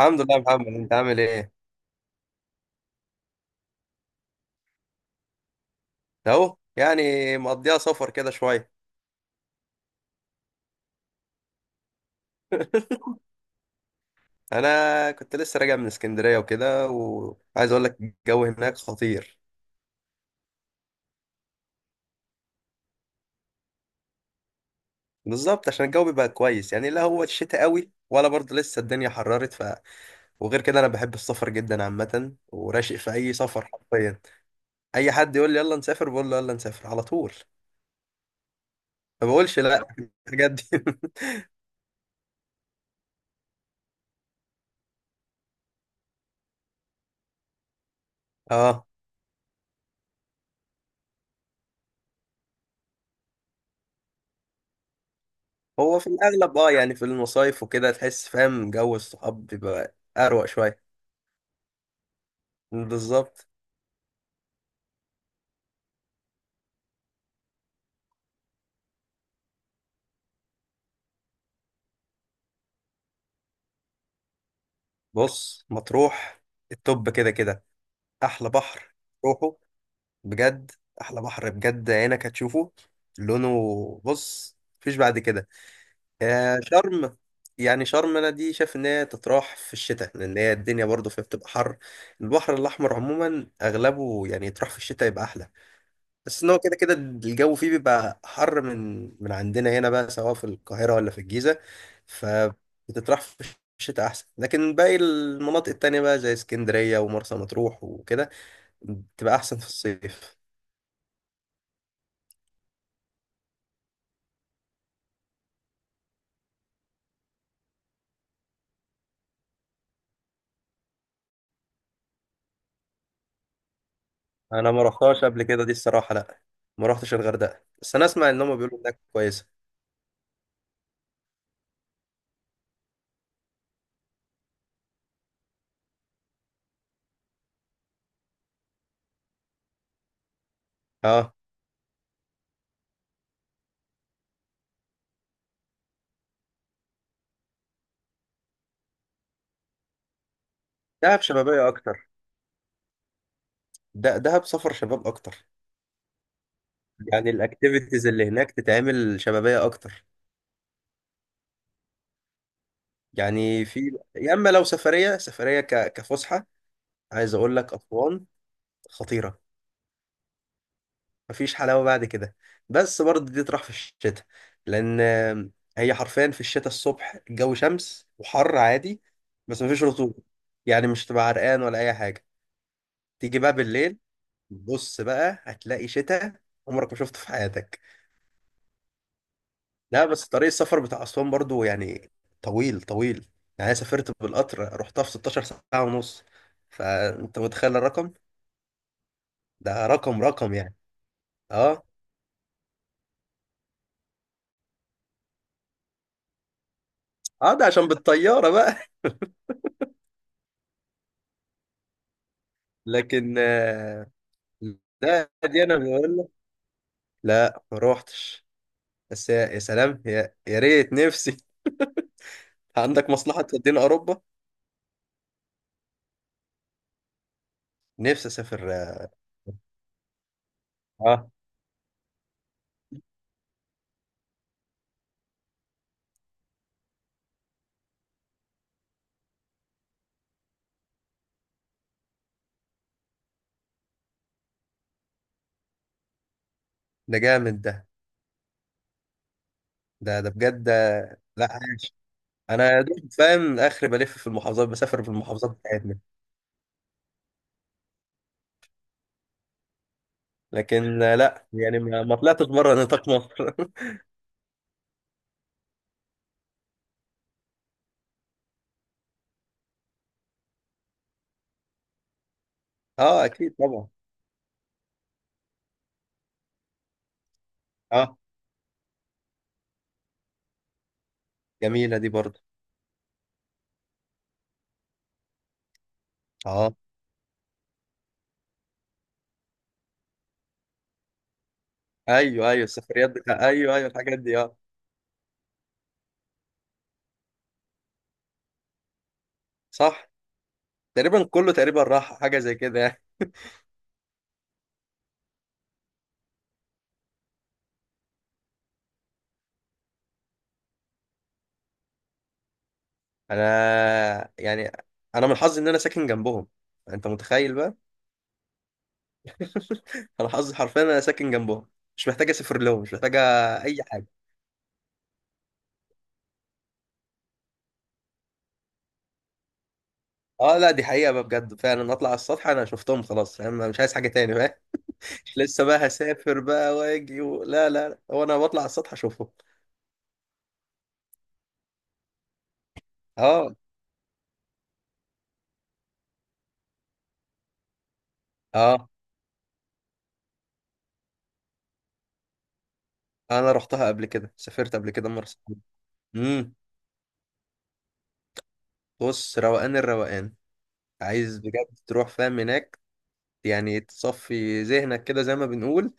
الحمد لله يا محمد، انت عامل ايه؟ اهو يعني. مقضيها سفر كده شويه. انا كنت لسه راجع من اسكندريه وكده، وعايز اقول لك الجو هناك خطير. بالظبط. عشان الجو بيبقى كويس يعني، لا هو الشتاء قوي ولا برضه لسه الدنيا حررت. وغير كده انا بحب السفر جدا عامه، وراشق في اي سفر حرفيا. اي حد يقول لي يلا نسافر، بقول له يلا نسافر على طول. ما بقولش لا. بجد. اه. هو في الاغلب، اه، يعني في المصايف وكده تحس فاهم، جو الصحاب بيبقى اروق شويه. بالظبط. بص مطروح التوب كده كده، احلى بحر. روحه. بجد. احلى بحر بجد، عينك هتشوفه. لونه، بص مفيش بعد كده. يا شرم. يعني شرم انا دي شايف ان هي تتراح في الشتاء، لان هي الدنيا برضو فيها بتبقى حر. البحر الاحمر عموما اغلبه يعني يتراح في الشتاء يبقى احلى. بس ان هو كده كده الجو فيه بيبقى حر من عندنا هنا بقى، سواء في القاهرة ولا في الجيزة. فبتطرح في الشتاء احسن، لكن باقي المناطق التانية بقى زي اسكندرية ومرسى مطروح وكده. بتبقى احسن في الصيف. انا ما رحتهاش قبل كده دي الصراحة، لا ما رحتش الغردقة، بس انا اسمع ان هم بيقولوا انها كويسة. اه. دهب شبابية اكتر. ده دهب سفر شباب اكتر. يعني الاكتيفيتيز اللي هناك تتعمل شبابية اكتر. يعني في، يا اما لو سفرية سفرية كفسحة. عايز اقول لك اسوان. خطيره. مفيش حلاوه بعد كده. بس برضه دي تروح في الشتاء. لان هي حرفيا في الشتاء الصبح الجو شمس وحر عادي. بس مفيش رطوبه، يعني مش تبقى عرقان ولا اي حاجه. تيجي بقى بالليل، بص بقى هتلاقي شتاء عمرك ما شفته في حياتك. لا بس طريق السفر بتاع اسوان برضه يعني، طويل طويل. يعني أنا سافرت بالقطر، رحتها في 16 ساعه ونص. فانت متخيل الرقم؟ ده رقم رقم يعني. اه. اه ده عشان بالطياره بقى. لكن لا دي انا بقول لك، لا ما روحتش. بس يا سلام، يا ريت نفسي. عندك مصلحة تودينا اوروبا؟ نفسي اسافر، اه. آه، ده جامد ده. ده بجد. لا عايش. انا يا دوب فاهم اخري بلف في المحافظات، بسافر في المحافظات بتاعتنا. لكن لا يعني ما طلعتش بره نطاق مصر. اه اكيد طبعا. اه. جميلة دي برضه. اه. ايوه ايوه السفريات بتاع، ايوه ايوه الحاجات دي، اه. صح. تقريبا كله تقريبا راح حاجة زي كده يعني. انا يعني، انا من حظي ان انا ساكن جنبهم. انت متخيل بقى؟ انا حظي حرفيا، انا ساكن جنبهم. مش محتاج اسافر لهم، مش محتاج. اي حاجه. اه لا دي حقيقه بقى بجد، فعلا اطلع على السطح انا شفتهم خلاص فاهم، أنا مش عايز حاجه تاني بقى. مش لسه بقى هسافر بقى واجي لا لا لا. هو انا بطلع على السطح اشوفهم. اه. اه. انا رحتها قبل كده، سافرت قبل كده مره. امم. بص روقان الروقان. عايز بجد تروح فاهم هناك. يعني تصفي ذهنك كده زي ما بنقول.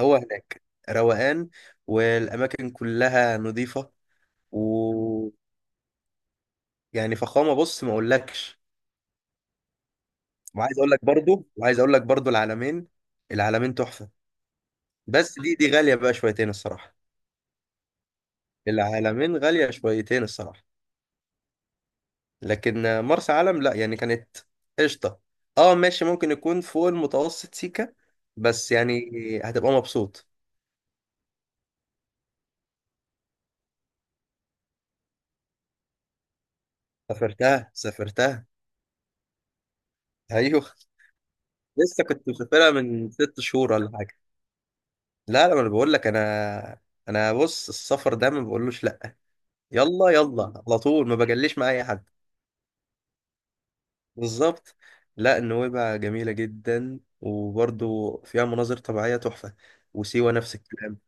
هو هناك روقان. والاماكن كلها نظيفه. ويعني فخامه بص ما اقولكش. وعايز اقول لك برضو العلمين. العلمين تحفه. بس دي غاليه بقى شويتين الصراحه. العلمين غاليه شويتين الصراحه. لكن مرسى علم لا يعني كانت قشطه. اه ماشي ممكن يكون فوق المتوسط سيكه. بس يعني هتبقى مبسوط. سافرتها سافرتها. ايوه. لسه كنت مسافرها من 6 شهور ولا حاجه. لا لا ما انا بقول لك انا بص السفر ده، ما بقولوش لا. يلا يلا على طول، ما بجليش مع اي حد. بالظبط. لا النويبع جميلة جدا وبرضو فيها مناظر طبيعية تحفة. وسيوة نفس الكلام.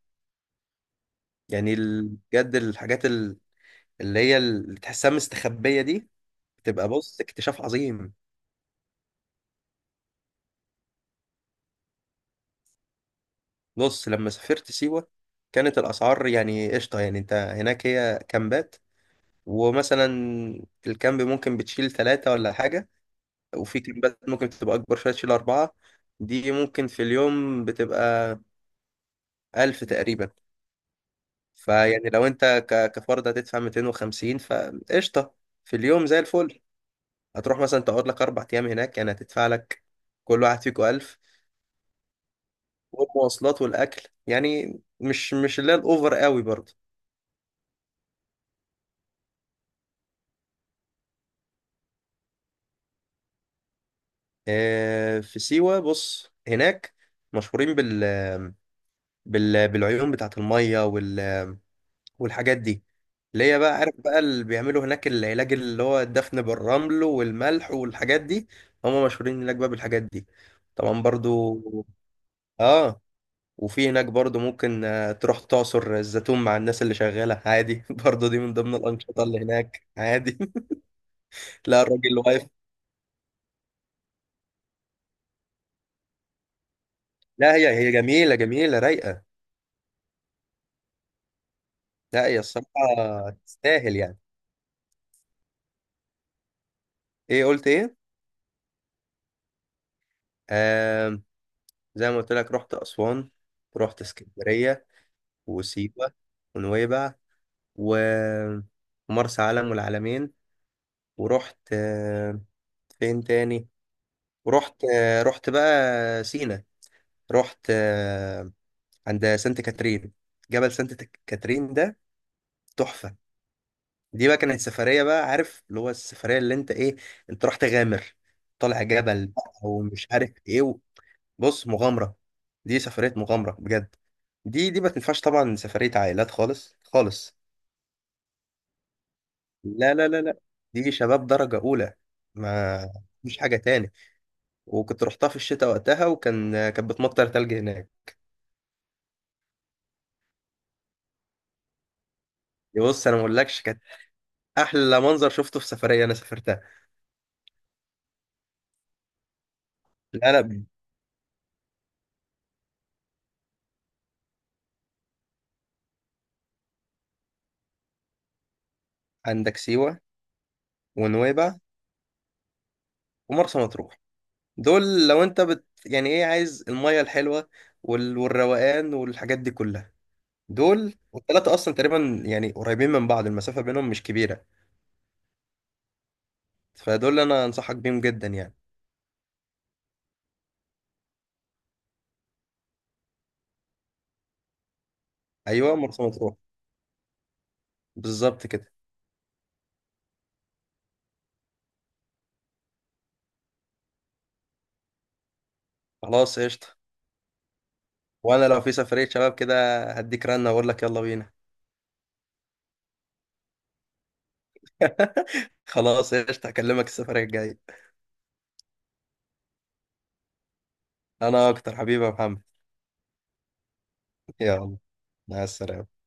يعني بجد الحاجات اللي تحسها مستخبية دي. بتبقى بص، اكتشاف عظيم. بص لما سافرت سيوة، كانت الأسعار يعني قشطة، يعني انت هناك هي كامبات. ومثلا الكامب ممكن بتشيل ثلاثة ولا حاجة. وفي كليبات ممكن بتبقى أكبر شوية تشيل أربعة. دي ممكن في اليوم بتبقى 1000 تقريبا. فيعني لو أنت كفرد هتدفع 250 فقشطة. في اليوم زي الفل. هتروح مثلا تقعد لك 4 أيام هناك، يعني هتدفع لك كل واحد فيكو 1000. والمواصلات والأكل يعني مش اللي هي الأوفر قوي برضه. في سيوة بص هناك مشهورين بالعيون بتاعت المية والحاجات دي. اللي هي بقى عارف بقى، اللي بيعملوا هناك العلاج، اللي هو الدفن بالرمل والملح والحاجات دي. هم مشهورين هناك بقى بالحاجات دي. طبعا برضو. اه. وفي هناك برضو ممكن تروح تعصر الزيتون مع الناس اللي شغالة عادي. برضو دي من ضمن الأنشطة اللي هناك عادي. لا الراجل اللي واقف. لا هي جميلة جميلة رايقة. لا هي الصراحة تستاهل يعني. ايه قلت ايه؟ آه، زي ما قلت لك رحت أسوان. رحت اسكندرية. وسيوة. ونويبع. و- ومرسى علم والعلمين. ورحت فين تاني. ورحت آه، رحت بقى سينا. رحت عند سانت كاترين. جبل سانت كاترين ده. تحفة. دي بقى كانت سفرية بقى عارف، اللي هو السفرية اللي انت ايه. انت رحت غامر. طالع جبل بقى ومش عارف ايه بص مغامرة. دي سفرية مغامرة بجد. دي ما تنفعش طبعا سفرية عائلات خالص خالص. لا لا لا لا. دي شباب درجة أولى. ما. مش حاجة تاني. وكنت رحتها في الشتاء وقتها وكان كانت بتمطر تلج هناك. بص أنا ما أقولكش، كانت أحلى منظر شفته في سفرية أنا سافرتها. لا لا. عندك سيوة. ونويبع. ومرسى مطروح. دول لو أنت يعني إيه عايز المية الحلوة والروقان والحاجات دي كلها. دول والتلاتة أصلا تقريبا يعني قريبين من بعض، المسافة بينهم مش كبيرة. فدول أنا أنصحك بيهم جدا يعني. أيوه مرسى مطروح. بالظبط كده. خلاص قشطة. وانا لو في سفرية شباب كده، هديك رنة واقول لك يلا بينا. خلاص قشطة، هكلمك السفرية الجاية. انا اكتر، حبيبي يا محمد. يلا، مع السلامة.